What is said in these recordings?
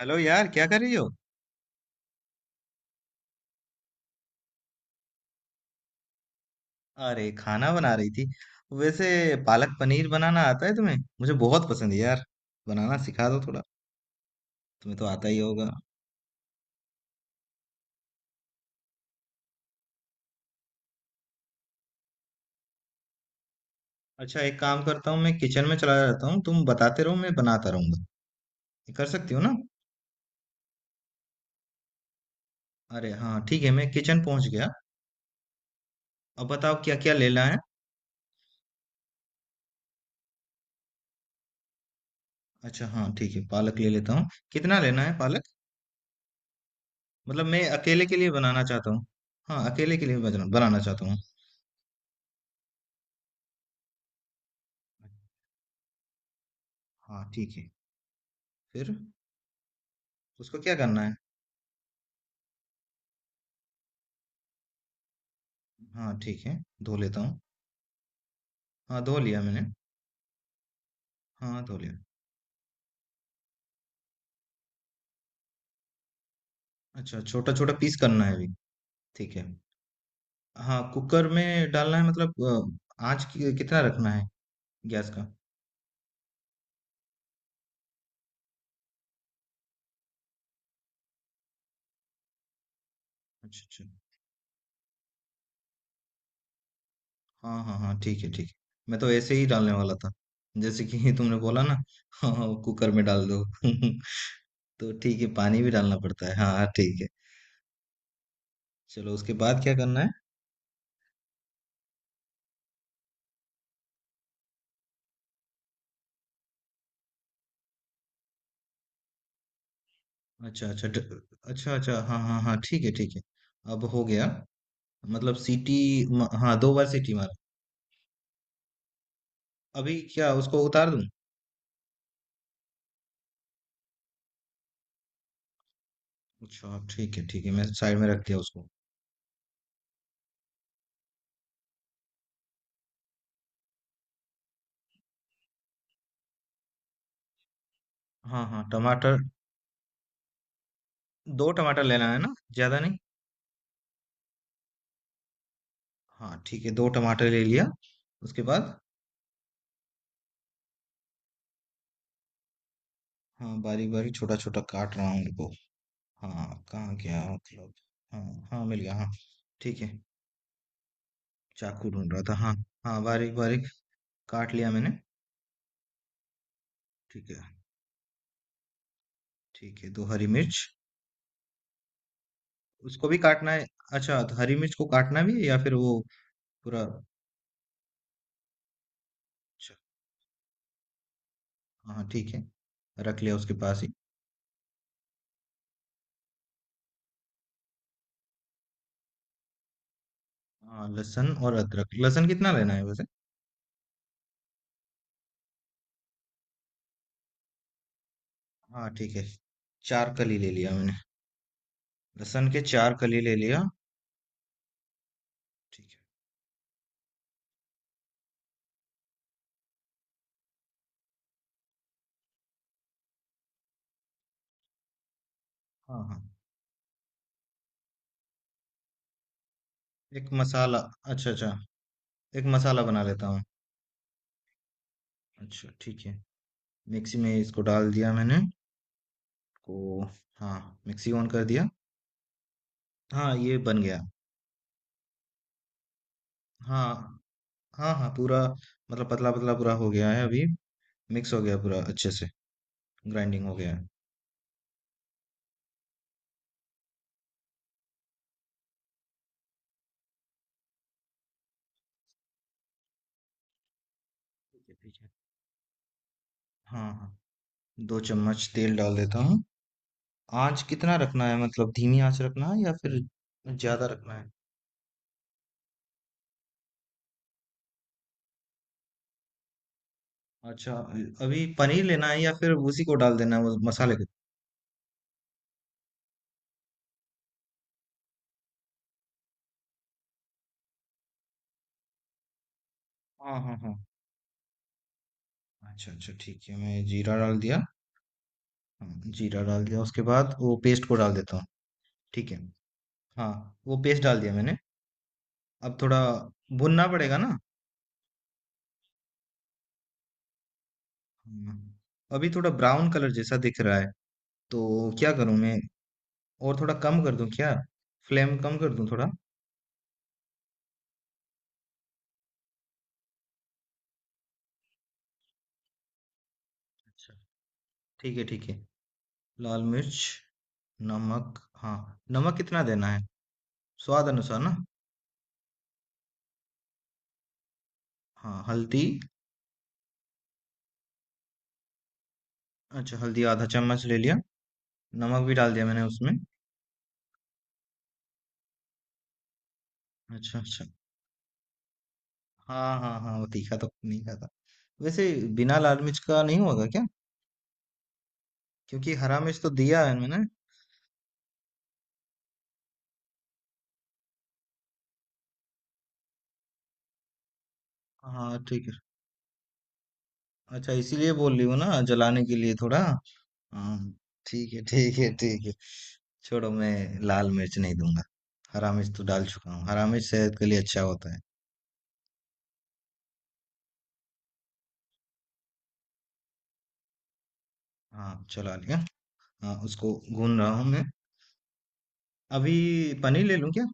Hello यार, क्या कर रही हो? अरे, खाना बना रही थी? वैसे पालक पनीर बनाना आता है तुम्हें? मुझे बहुत पसंद है यार, बनाना सिखा दो थोड़ा। तुम्हें तो आता ही होगा। अच्छा, एक काम करता हूँ, मैं किचन में चला जाता हूँ, तुम बताते रहो, मैं बनाता रहूंगा। ये कर सकती हो ना? अरे हाँ, ठीक है, मैं किचन पहुंच गया। अब बताओ क्या क्या लेना है। अच्छा हाँ, ठीक है, पालक ले लेता हूँ। कितना लेना है पालक? मतलब मैं अकेले के लिए बनाना चाहता हूँ। हाँ, अकेले के लिए बनाना चाहता हूँ। हाँ ठीक है। फिर उसको क्या करना है? हाँ ठीक है, धो लेता हूँ। हाँ, धो लिया मैंने। हाँ, धो लिया। अच्छा, छोटा-छोटा पीस करना है अभी, ठीक है। हाँ, कुकर में डालना है मतलब। आँच कि कितना रखना है, गैस का? अच्छा, अच्छा। हाँ, हाँ, हाँ, ठीक है, ठीक है। मैं तो ऐसे ही डालने वाला था, जैसे कि तुमने बोला ना, हाँ, हाँ, कुकर में डाल दो। तो ठीक है, पानी भी डालना पड़ता है। हाँ, हाँ, ठीक है। चलो उसके बाद क्या करना है? अच्छा, अच्छा ड अच्छा, अच्छा। हाँ, हाँ, हाँ, ठीक है, ठीक है। अब हो गया मतलब सीटी। म हाँ, 2 बार सीटी मारा। अभी क्या उसको उतार दूँ? अच्छा ठीक है, ठीक है, मैं साइड में रख दिया उसको। हाँ हाँ, टमाटर। दो टमाटर लेना है ना, ज़्यादा नहीं। हाँ ठीक है, दो टमाटर ले लिया। उसके बाद? हाँ, बारीक बारीक छोटा छोटा काट रहा हूँ उनको। हाँ, कहाँ गया मतलब। हाँ। हाँ, मिल गया, हाँ। ठीक है। चाकू ढूंढ रहा था, हाँ। हाँ, बारीक बारीक। काट लिया मैंने। ठीक है, ठीक है। दो हरी मिर्च। उसको भी काटना है? अच्छा, तो हरी मिर्च को काटना भी है या फिर वो पूरा? अच्छा हाँ, ठीक है, रख लिया उसके पास ही। हाँ, लहसुन और अदरक। लहसुन कितना लेना है वैसे? हाँ ठीक है, चार कली ले लिया मैंने। लहसुन के चार कली ले लिया। ठीक है। हाँ हाँ। एक मसाला, अच्छा अच्छा, एक मसाला बना लेता हूँ। अच्छा ठीक है, मिक्सी में इसको डाल दिया मैंने। को हाँ, मिक्सी ऑन कर दिया। हाँ, ये बन गया। हाँ हाँ हाँ, पूरा। मतलब पतला पतला पूरा हो गया है अभी। मिक्स हो गया पूरा अच्छे से। ग्राइंडिंग हो गया है। ठीक है, ठीक है। हाँ हाँ, दो चम्मच तेल डाल देता हूँ। आँच कितना रखना है, मतलब धीमी आँच रखना है या फिर ज्यादा रखना है? अच्छा। अभी पनीर लेना है या फिर उसी को डाल देना है वो मसाले के? हाँ हाँ हाँ। अच्छा अच्छा ठीक है, मैं जीरा डाल दिया। हाँ, जीरा डाल दिया, उसके बाद वो पेस्ट को डाल देता हूँ। ठीक है। हाँ, वो पेस्ट डाल दिया मैंने। अब थोड़ा भुनना पड़ेगा ना? हाँ, अभी थोड़ा ब्राउन कलर जैसा दिख रहा है, तो क्या करूँ मैं? और थोड़ा कम कर दूँ क्या, फ्लेम कम कर दूँ थोड़ा? अच्छा ठीक है, ठीक है। लाल मिर्च, नमक, हाँ। नमक कितना देना है, स्वाद अनुसार ना? हाँ, हल्दी। अच्छा, हल्दी आधा चम्मच ले लिया। नमक भी डाल दिया मैंने उसमें। अच्छा अच्छा। हाँ हाँ हाँ, वो तीखा तो नहीं खाता वैसे। बिना लाल मिर्च का नहीं होगा क्या? क्योंकि हरा मिर्च तो दिया है मैंने। हाँ ठीक है। अच्छा, इसीलिए बोल रही हूँ ना, जलाने के लिए थोड़ा। हाँ ठीक है, ठीक है, ठीक है, छोड़ो, मैं लाल मिर्च नहीं दूंगा। हरा मिर्च तो डाल चुका हूँ, हरा मिर्च सेहत के लिए अच्छा होता है। हाँ, चला लिया। हाँ, उसको भून रहा हूँ मैं। अभी पनीर ले लूँ क्या?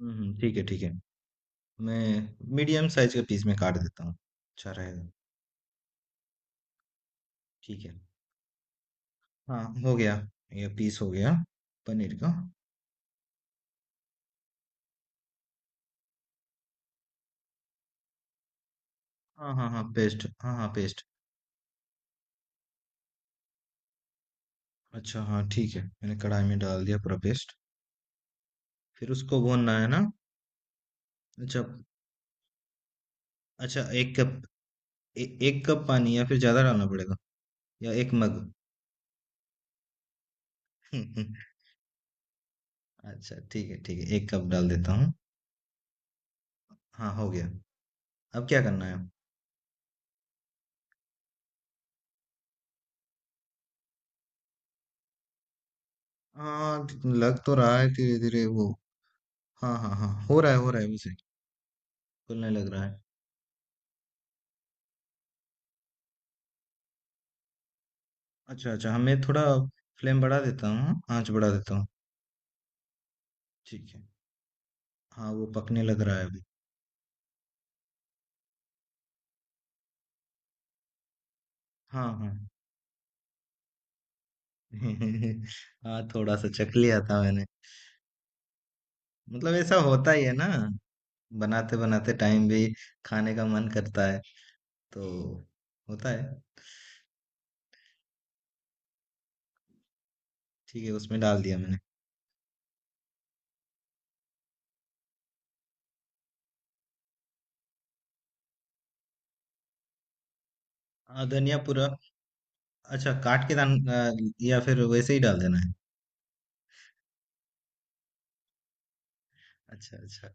ठीक है ठीक है। मैं मीडियम साइज के पीस में काट देता हूँ, अच्छा रहेगा। ठीक है। हाँ, हो गया। ये पीस हो गया, पनीर का। हाँ हाँ हाँ, पेस्ट, हाँ हाँ, पेस्ट। अच्छा हाँ ठीक है, मैंने कढ़ाई में डाल दिया पूरा पेस्ट। फिर उसको भूनना है ना? अच्छा अच्छा, एक कप। एक कप पानी या फिर ज़्यादा डालना पड़ेगा, या एक मग? अच्छा ठीक है, ठीक है, एक कप डाल देता हूँ। हाँ, हो गया। अब क्या करना है? हाँ, लग तो रहा है धीरे धीरे वो। हाँ हाँ हाँ, हो रहा है, हो रहा है वैसे। खुलने लग रहा है। अच्छा, अच्छा, हाँ, मैं थोड़ा फ्लेम बढ़ा देता हूँ, आँच बढ़ा देता हूँ। ठीक है। हाँ, वो पकने लग रहा है अभी। हाँ, हाँ। हाँ, थोड़ा-सा चख लिया था मैंने। मतलब ऐसा होता ही है ना, बनाते-बनाते टाइम भी खाने का मन करता है, तो होता है। ठीक है, उसमें डाल दिया मैंने। धनिया पूरा अच्छा काट के डाल या फिर वैसे ही डाल देना है? अच्छा, अच्छा।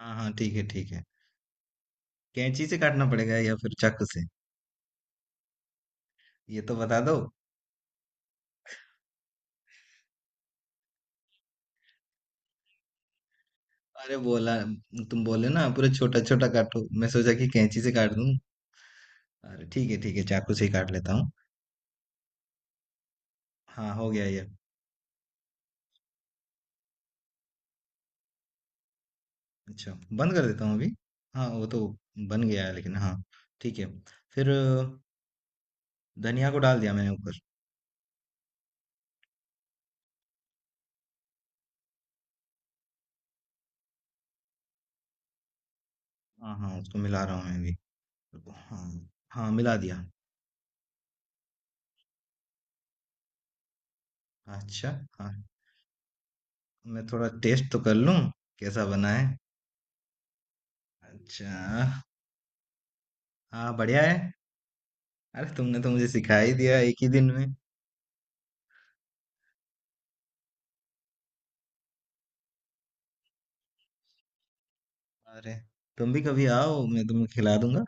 हाँ, हाँ, ठीक है, ठीक है। कैंची से काटना पड़ेगा या फिर चाकू से? ये तो बता दो। अरे बोला, तुम बोले ना पूरा छोटा छोटा काटो, मैं सोचा कि कैंची से काट दूं। अरे ठीक है, ठीक है, चाकू से ही काट लेता हूँ। हाँ, हो गया ये। अच्छा, बंद कर देता हूँ अभी। हाँ, वो तो बन गया है लेकिन, हाँ ठीक है। फिर धनिया को डाल दिया मैंने ऊपर। हाँ हाँ, उसको मिला रहा हूँ मैं भी। हाँ, हाँ, मिला दिया। अच्छा, हाँ, मैं थोड़ा टेस्ट तो कर लूँ, कैसा बना है। अच्छा, हाँ, बढ़िया है। अरे, तुमने तो मुझे सिखा ही दिया एक ही दिन में। अरे, तुम भी कभी आओ, मैं तुम्हें खिला दूंगा।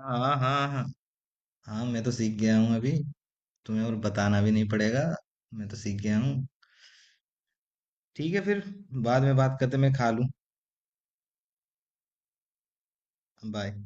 हाँ हाँ हाँ। हाँ, मैं तो सीख गया हूँ अभी, तुम्हें और बताना भी नहीं पड़ेगा। मैं तो सीख गया हूँ। ठीक है फिर, बाद में बात करते, मैं खा लूँ। बाय।